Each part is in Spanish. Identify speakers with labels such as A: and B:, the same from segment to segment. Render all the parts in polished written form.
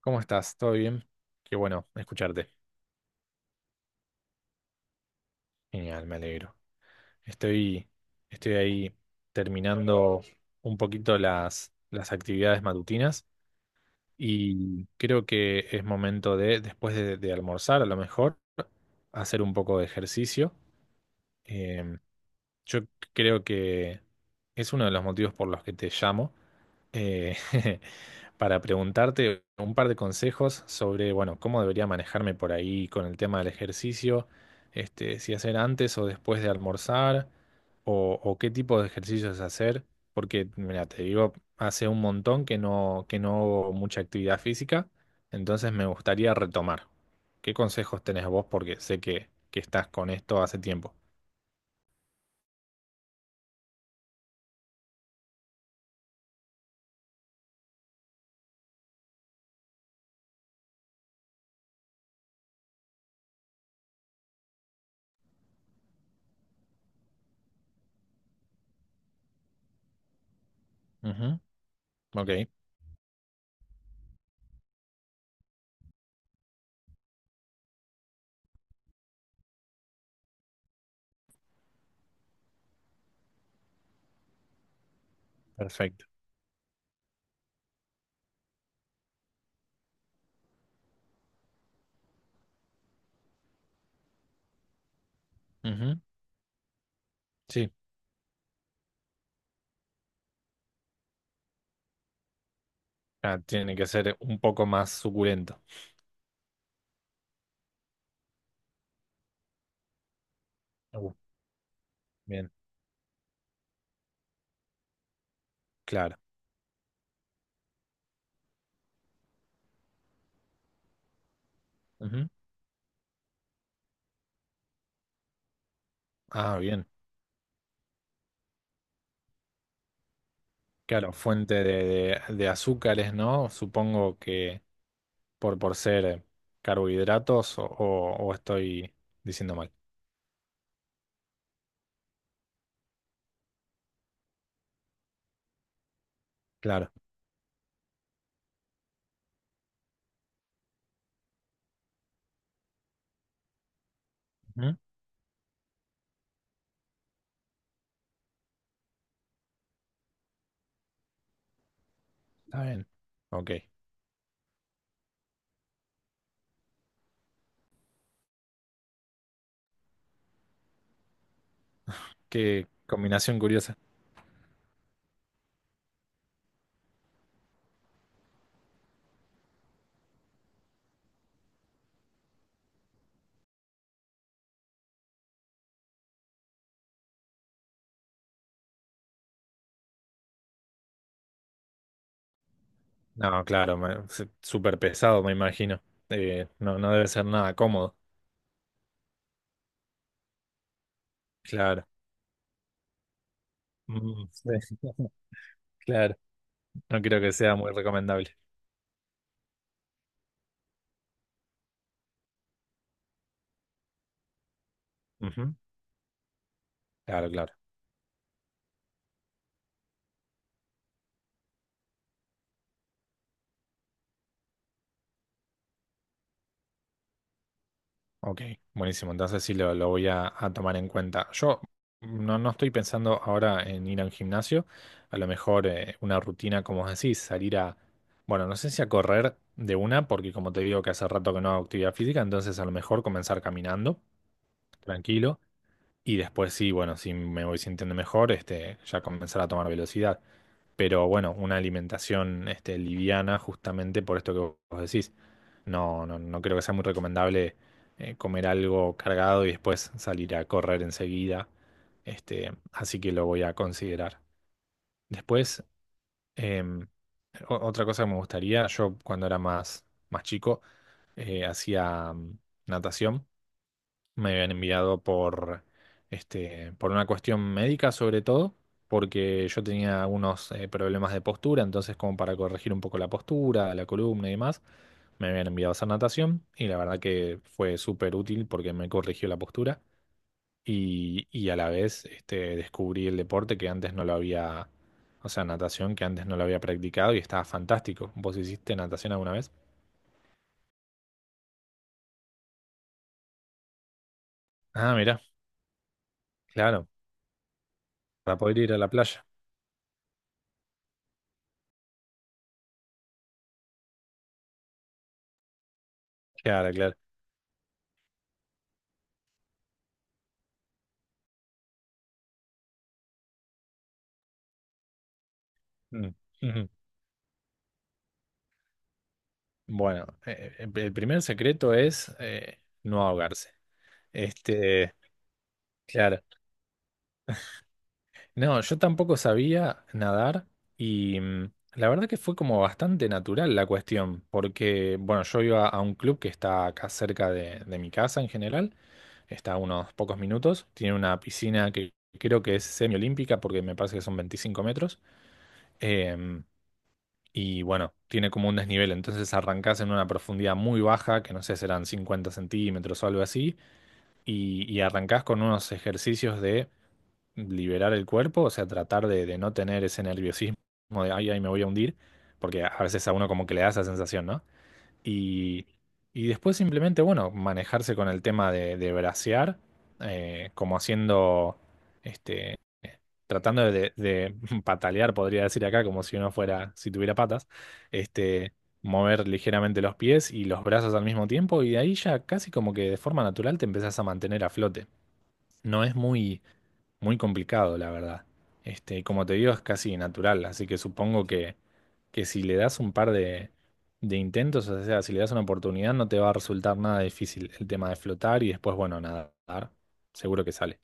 A: ¿Cómo estás? ¿Todo bien? Qué bueno escucharte. Genial, me alegro. Estoy, estoy ahí terminando un poquito las actividades matutinas y creo que es momento de después de almorzar, a lo mejor, hacer un poco de ejercicio. Em, yo creo que es uno de los motivos por los que te llamo, eh, para preguntarte un par de consejos sobre, bueno, cómo debería manejarme por ahí con el tema del ejercicio, este, si hacer antes o después de almorzar, o qué tipo de ejercicios hacer, porque, mira, te digo, hace un montón que no hago mucha actividad física, entonces me gustaría retomar. ¿Qué consejos tenés vos? Porque sé que estás con esto hace tiempo. Ujú. Ok, perfecto. Ujú. Sí, ah, tiene que ser un poco más suculento. Uh, bien, claro. Ujú. Ah, bien. Claro, fuente de azúcares, ¿no? Supongo que por ser carbohidratos o estoy diciendo mal. Claro. Ujú. Está bien. Ok. Qué combinación curiosa. No, claro, súper pesado, me imagino. No, no debe ser nada cómodo. Claro. Mm, sí. Claro. No creo que sea muy recomendable. Ujú. Claro, claro. Ok, buenísimo. Entonces sí lo voy a tomar en cuenta. Yo no estoy pensando ahora en ir al gimnasio. A lo mejor una rutina, como vos decís, salir a, bueno, no sé si a correr de una, porque como te digo que hace rato que no hago actividad física, entonces a lo mejor comenzar caminando, tranquilo. Y después sí, bueno, si me voy sintiendo mejor, este, ya comenzar a tomar velocidad. Pero bueno, una alimentación este, liviana justamente por esto que vos decís. No, no, no creo que sea muy recomendable comer algo cargado y después salir a correr enseguida. Este, así que lo voy a considerar. Después, em, otra cosa que me gustaría, yo cuando era más chico, hacía natación me habían enviado este, por una cuestión médica sobre todo, porque yo tenía algunos problemas de postura, entonces como para corregir un poco la postura, la columna y demás, me habían enviado a hacer natación y la verdad que fue súper útil porque me corrigió la postura y a la vez este, descubrí el deporte que antes no lo había, o sea, natación que antes no lo había practicado y estaba fantástico. ¿Vos hiciste natación alguna vez? Ah, mira, claro, para poder ir a la playa. Claro, claro. Mm. Bueno, el primer secreto es no ahogarse. Este, claro. No, yo tampoco sabía nadar y la verdad que fue como bastante natural la cuestión, porque, bueno, yo iba a un club que está acá cerca de mi casa en general, está a unos pocos minutos, tiene una piscina que creo que es semiolímpica porque me parece que son 25 metros. em, y bueno, tiene como un desnivel, entonces arrancás en una profundidad muy baja, que no sé, serán 50 centímetros o algo así, y arrancás con unos ejercicios de liberar el cuerpo, o sea, tratar de no tener ese nerviosismo de, ay, ay, me voy a hundir, porque a veces a uno como que le da esa sensación, ¿no? Y, y después simplemente, bueno, manejarse con el tema de brasear, como haciendo, este, tratando de patalear, podría decir acá, como si uno fuera, si tuviera patas, este, mover ligeramente los pies y los brazos al mismo tiempo, y de ahí ya casi como que de forma natural te empezás a mantener a flote. No es muy complicado, la verdad. Este, y como te digo, es casi natural, así que supongo que si le das un par de intentos, o sea, si le das una oportunidad, no te va a resultar nada difícil el tema de flotar y después, bueno, nadar, seguro que sale.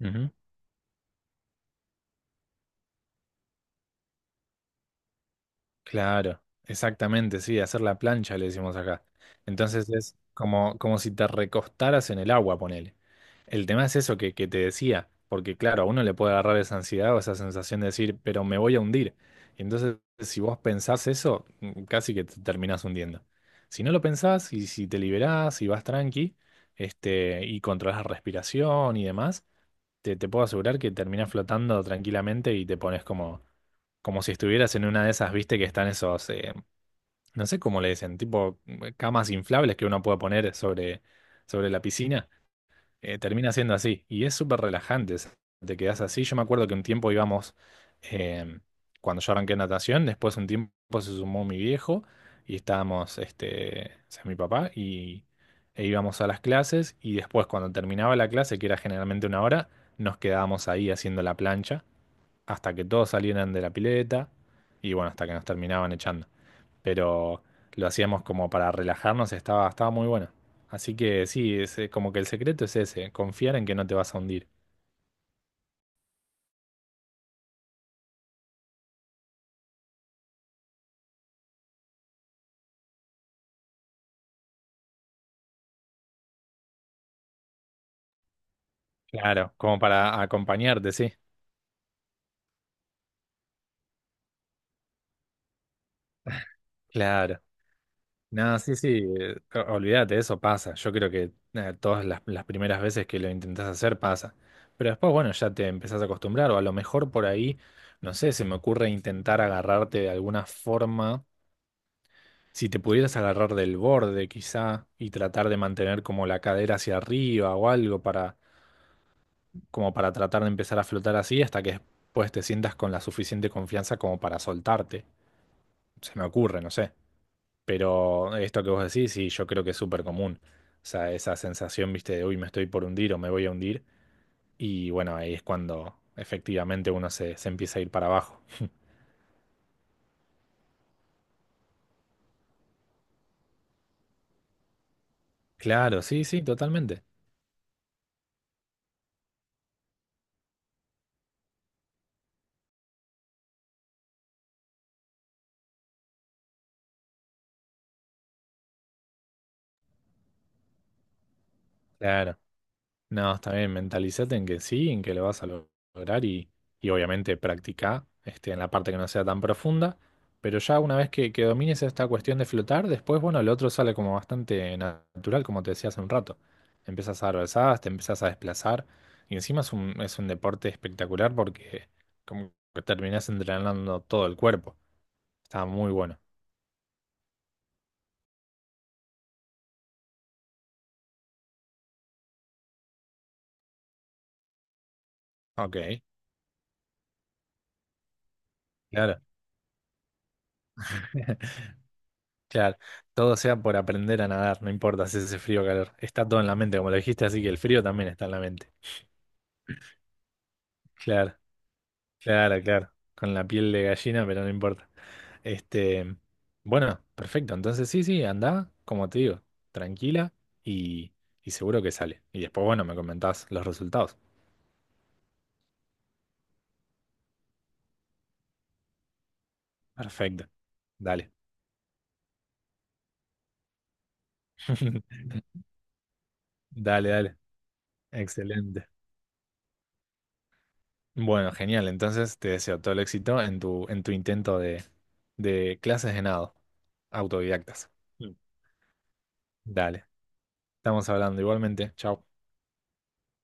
A: Ujú. Claro, exactamente, sí, hacer la plancha le decimos acá. Entonces es como, como si te recostaras en el agua, ponele. El tema es eso que te decía, porque claro, a uno le puede agarrar esa ansiedad o esa sensación de decir, pero me voy a hundir. Y entonces, si vos pensás eso, casi que te terminás hundiendo. Si no lo pensás y si te liberás y vas tranqui, este, y controlás la respiración y demás, te puedo asegurar que terminás flotando tranquilamente y te pones como si estuvieras en una de esas, viste, que están esos, no sé cómo le dicen, tipo camas inflables que uno puede poner sobre, sobre la piscina, termina siendo así. Y es súper relajante, te quedas así. Yo me acuerdo que un tiempo íbamos, eh, cuando yo arranqué natación, después un tiempo se sumó mi viejo y estábamos, este, o sea, mi papá, y, e íbamos a las clases y después cuando terminaba la clase, que era generalmente una hora, nos quedábamos ahí haciendo la plancha hasta que todos salieran de la pileta y bueno, hasta que nos terminaban echando. Pero lo hacíamos como para relajarnos, estaba muy bueno. Así que sí, es, como que el secreto es ese, confiar en que no te vas a hundir. Claro, como para acompañarte, sí. Claro. No, sí, sí, olvídate, eso pasa. Yo creo que todas las primeras veces que lo intentás hacer pasa. Pero después, bueno, ya te empezás a acostumbrar o a lo mejor por ahí, no sé, se me ocurre intentar agarrarte de alguna forma. Si te pudieras agarrar del borde quizá y tratar de mantener como la cadera hacia arriba o algo para, como para tratar de empezar a flotar así hasta que después te sientas con la suficiente confianza como para soltarte. Se me ocurre, no sé. Pero esto que vos decís, sí, yo creo que es súper común. O sea, esa sensación, viste, de uy, me estoy por hundir o me voy a hundir. Y bueno, ahí es cuando efectivamente uno se empieza a ir para abajo. Claro, sí, sí, totalmente. Claro. No, está bien, mentalicete en que sí, en que lo vas a lograr y obviamente practicá este, en la parte que no sea tan profunda, pero ya una vez que domines esta cuestión de flotar, después, bueno, lo otro sale como bastante natural, como te decía hace un rato. Empiezas a dar brazadas, te empiezas a desplazar y encima es un deporte espectacular porque como que terminás entrenando todo el cuerpo. Está muy bueno. Ok, claro. Claro, todo sea por aprender a nadar, no importa si hace frío o calor. Está todo en la mente, como lo dijiste, así que el frío también está en la mente. Claro, claro, claro. Con la piel de gallina, pero no importa. Este, bueno, perfecto. Entonces sí, sí, anda, como te digo, tranquila y, y seguro que sale. Y después, bueno, me comentás los resultados. Perfecto, dale. Dale, dale. Excelente. Bueno, genial. Entonces te deseo todo el éxito en tu intento de clases de nado. Autodidactas. Mm. Dale, estamos hablando igualmente. Chao.